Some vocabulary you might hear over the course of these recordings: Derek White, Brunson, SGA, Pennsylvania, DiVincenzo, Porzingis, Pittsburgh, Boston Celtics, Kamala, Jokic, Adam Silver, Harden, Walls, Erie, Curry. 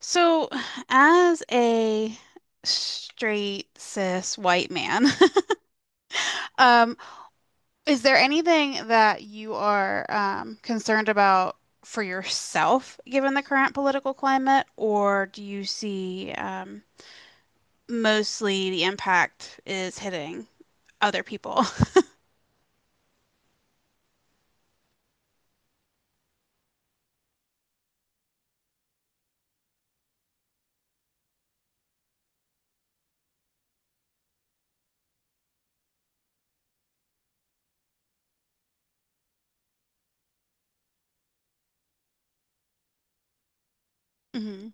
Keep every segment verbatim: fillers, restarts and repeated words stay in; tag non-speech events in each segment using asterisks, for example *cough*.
So, as a straight cis white man, *laughs* um, is there anything that you are um, concerned about for yourself, given the current political climate, or do you see um, mostly the impact is hitting other people? *laughs* Mhm.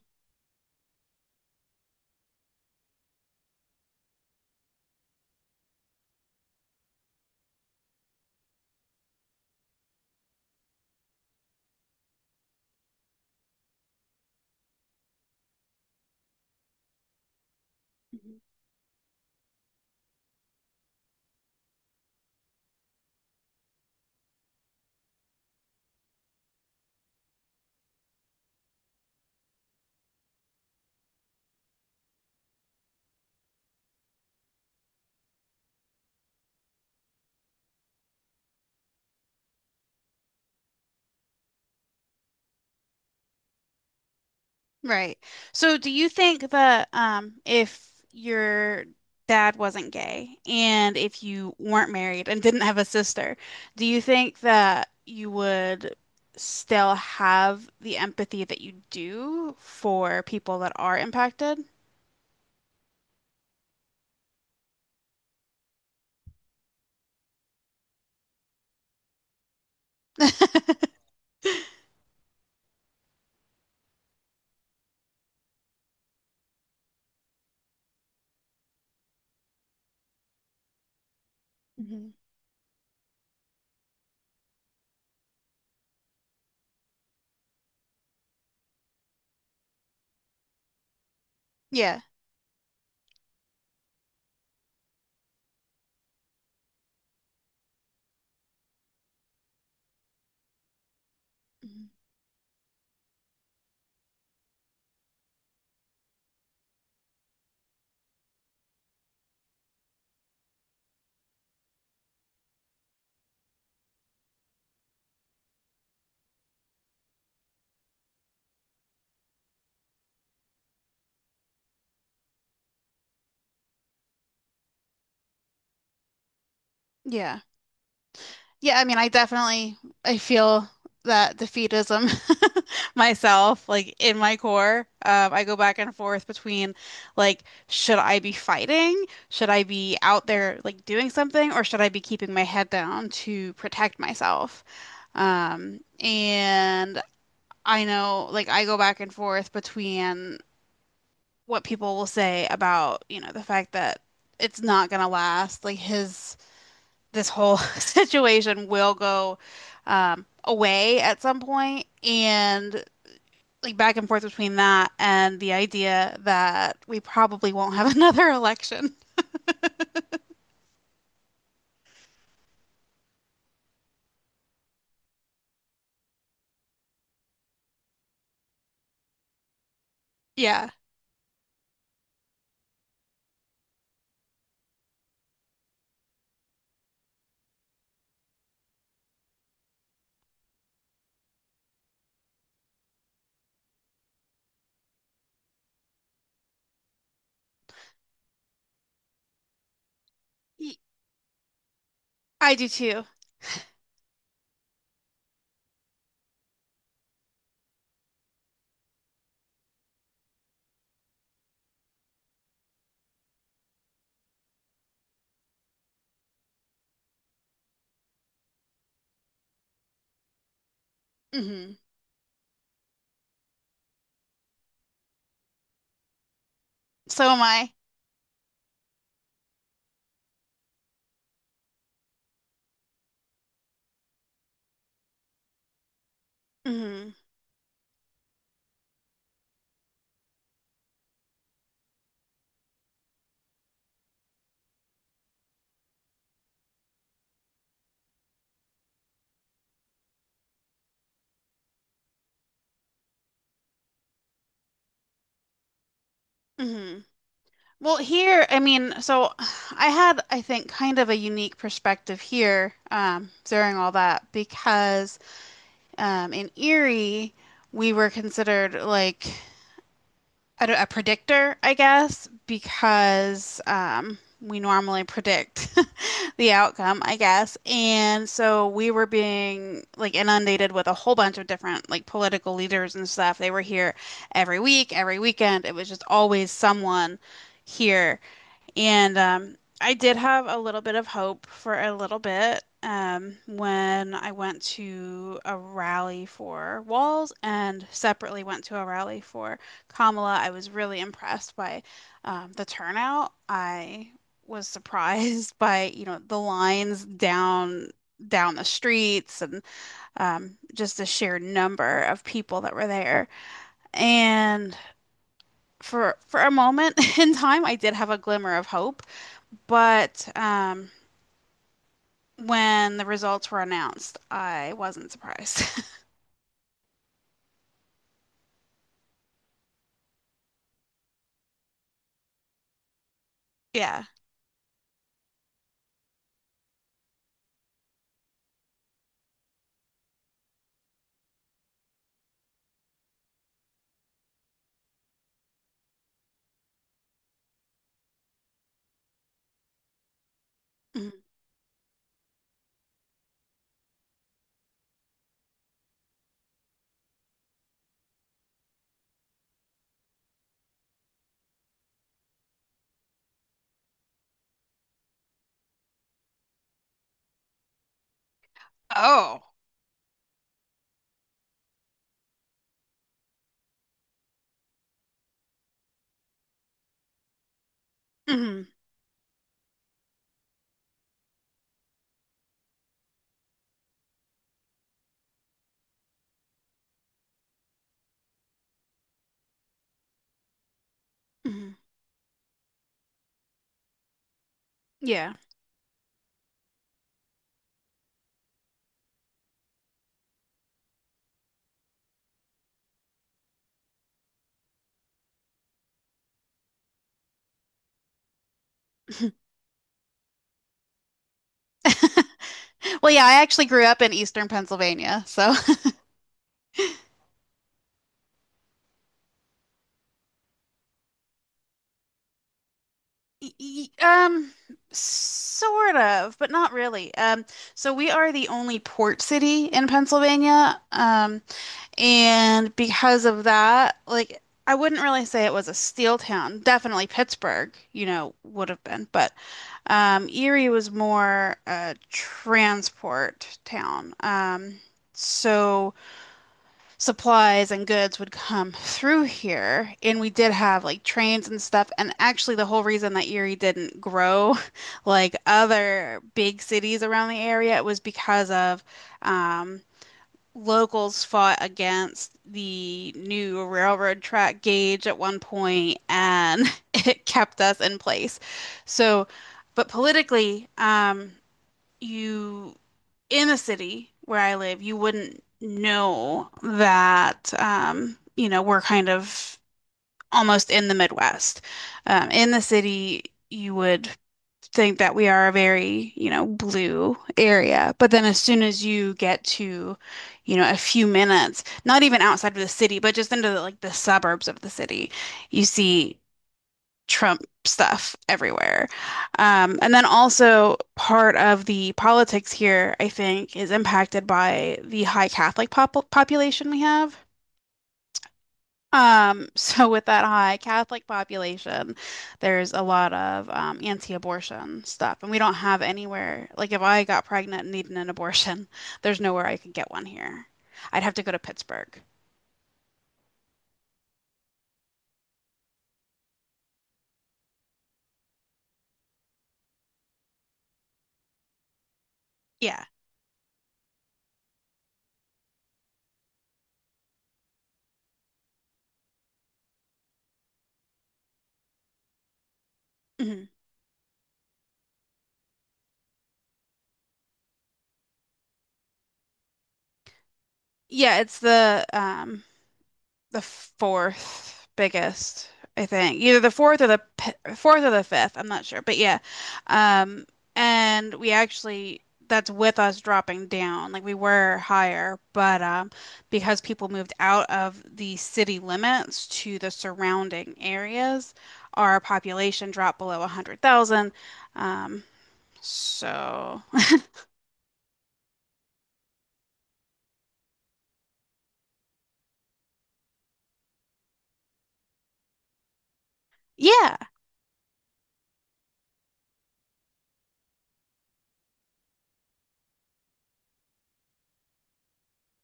Right. So do you think that um if your dad wasn't gay and if you weren't married and didn't have a sister, do you think that you would still have the empathy that you do for people that are impacted? *laughs* hmm Yeah. Mhm. Yeah. Yeah, I mean, I definitely I feel that defeatism *laughs* myself, like in my core. Um, I go back and forth between like, should I be fighting? Should I be out there like doing something, or should I be keeping my head down to protect myself? Um, and I know like I go back and forth between what people will say about, you know, the fact that it's not gonna last, like his this whole *laughs* situation will go um, away at some point, and like back and forth between that and the idea that we probably won't have *laughs* another election. Yeah. Y- I do too. hmm So am I. hmm hmm Well, here, I mean, so *sighs* I had, I think, kind of a unique perspective here um, during all that because um, in Erie, we were considered like a, a predictor, I guess, because um, we normally predict *laughs* the outcome, I guess. And so we were being like inundated with a whole bunch of different like political leaders and stuff. They were here every week, every weekend. It was just always someone here. And um, I did have a little bit of hope for a little bit um, when I went to a rally for Walls and separately went to a rally for Kamala. I was really impressed by um, the turnout. I was surprised *laughs* by, you know, the lines down down the streets and um, just the sheer number of people that were there. And for for a moment *laughs* in time, I did have a glimmer of hope but um, when the results were announced, I wasn't surprised. *laughs* Yeah. Mhm. Oh. Mhm. Mhm. Yeah. *laughs* Well, yeah, I actually grew up in Eastern Pennsylvania, so *laughs* um sort of, but not really. Um so we are the only port city in Pennsylvania. Um And because of that, like I wouldn't really say it was a steel town. Definitely Pittsburgh, you know, would have been, but um, Erie was more a transport town. Um, so supplies and goods would come *laughs* through here, and we did have like trains and stuff. And actually, the whole reason that Erie didn't grow *laughs* like other big cities around the area was because of um, locals fought against the new railroad track gauge at one point and *laughs* it kept us in place. So, but politically, um, you in the city where I live, you wouldn't know that, um, you know, we're kind of almost in the Midwest. Um, in the city, you would think that we are a very, you know, blue area. But then as soon as you get to, you know, a few minutes, not even outside of the city, but just into the, like the suburbs of the city, you see Trump stuff everywhere. Um, and then also part of the politics here, I think, is impacted by the high Catholic pop population we have. Um, *laughs* so with that high Catholic population, there's a lot of um, anti-abortion stuff, and we don't have anywhere. Like if I got pregnant and needed an abortion, *laughs* there's nowhere I could get one here. I'd have to go to Pittsburgh. Yeah. hmm Yeah, it's the um the fourth biggest, I think. Either the fourth or the p fourth or the fifth. I'm not sure, but yeah. Um, and we actually that's with us dropping down. Like we were higher, but um, because people moved out of the city limits to the surrounding areas, our population dropped below one hundred thousand. Um, so yeah,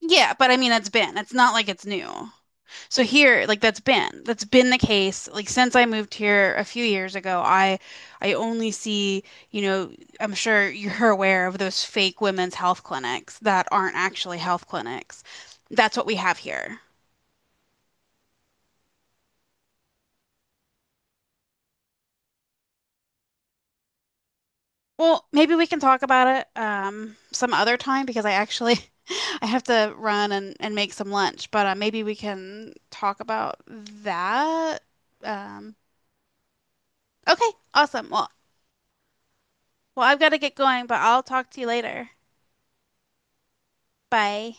yeah. But I mean, it's been. It's not like it's new. So here, like that's been that's been the case. Like since I moved here a few years ago, I I only see, you know, I'm sure you're *laughs* aware of those fake women's health clinics that aren't actually health clinics. That's what we have here. Well, maybe we can talk about it um some other time because I actually *laughs* I have to run and and make some lunch, but uh, maybe we can talk about that. Um okay, awesome. Well, well, I've got to get going, but I'll talk to you later. Bye.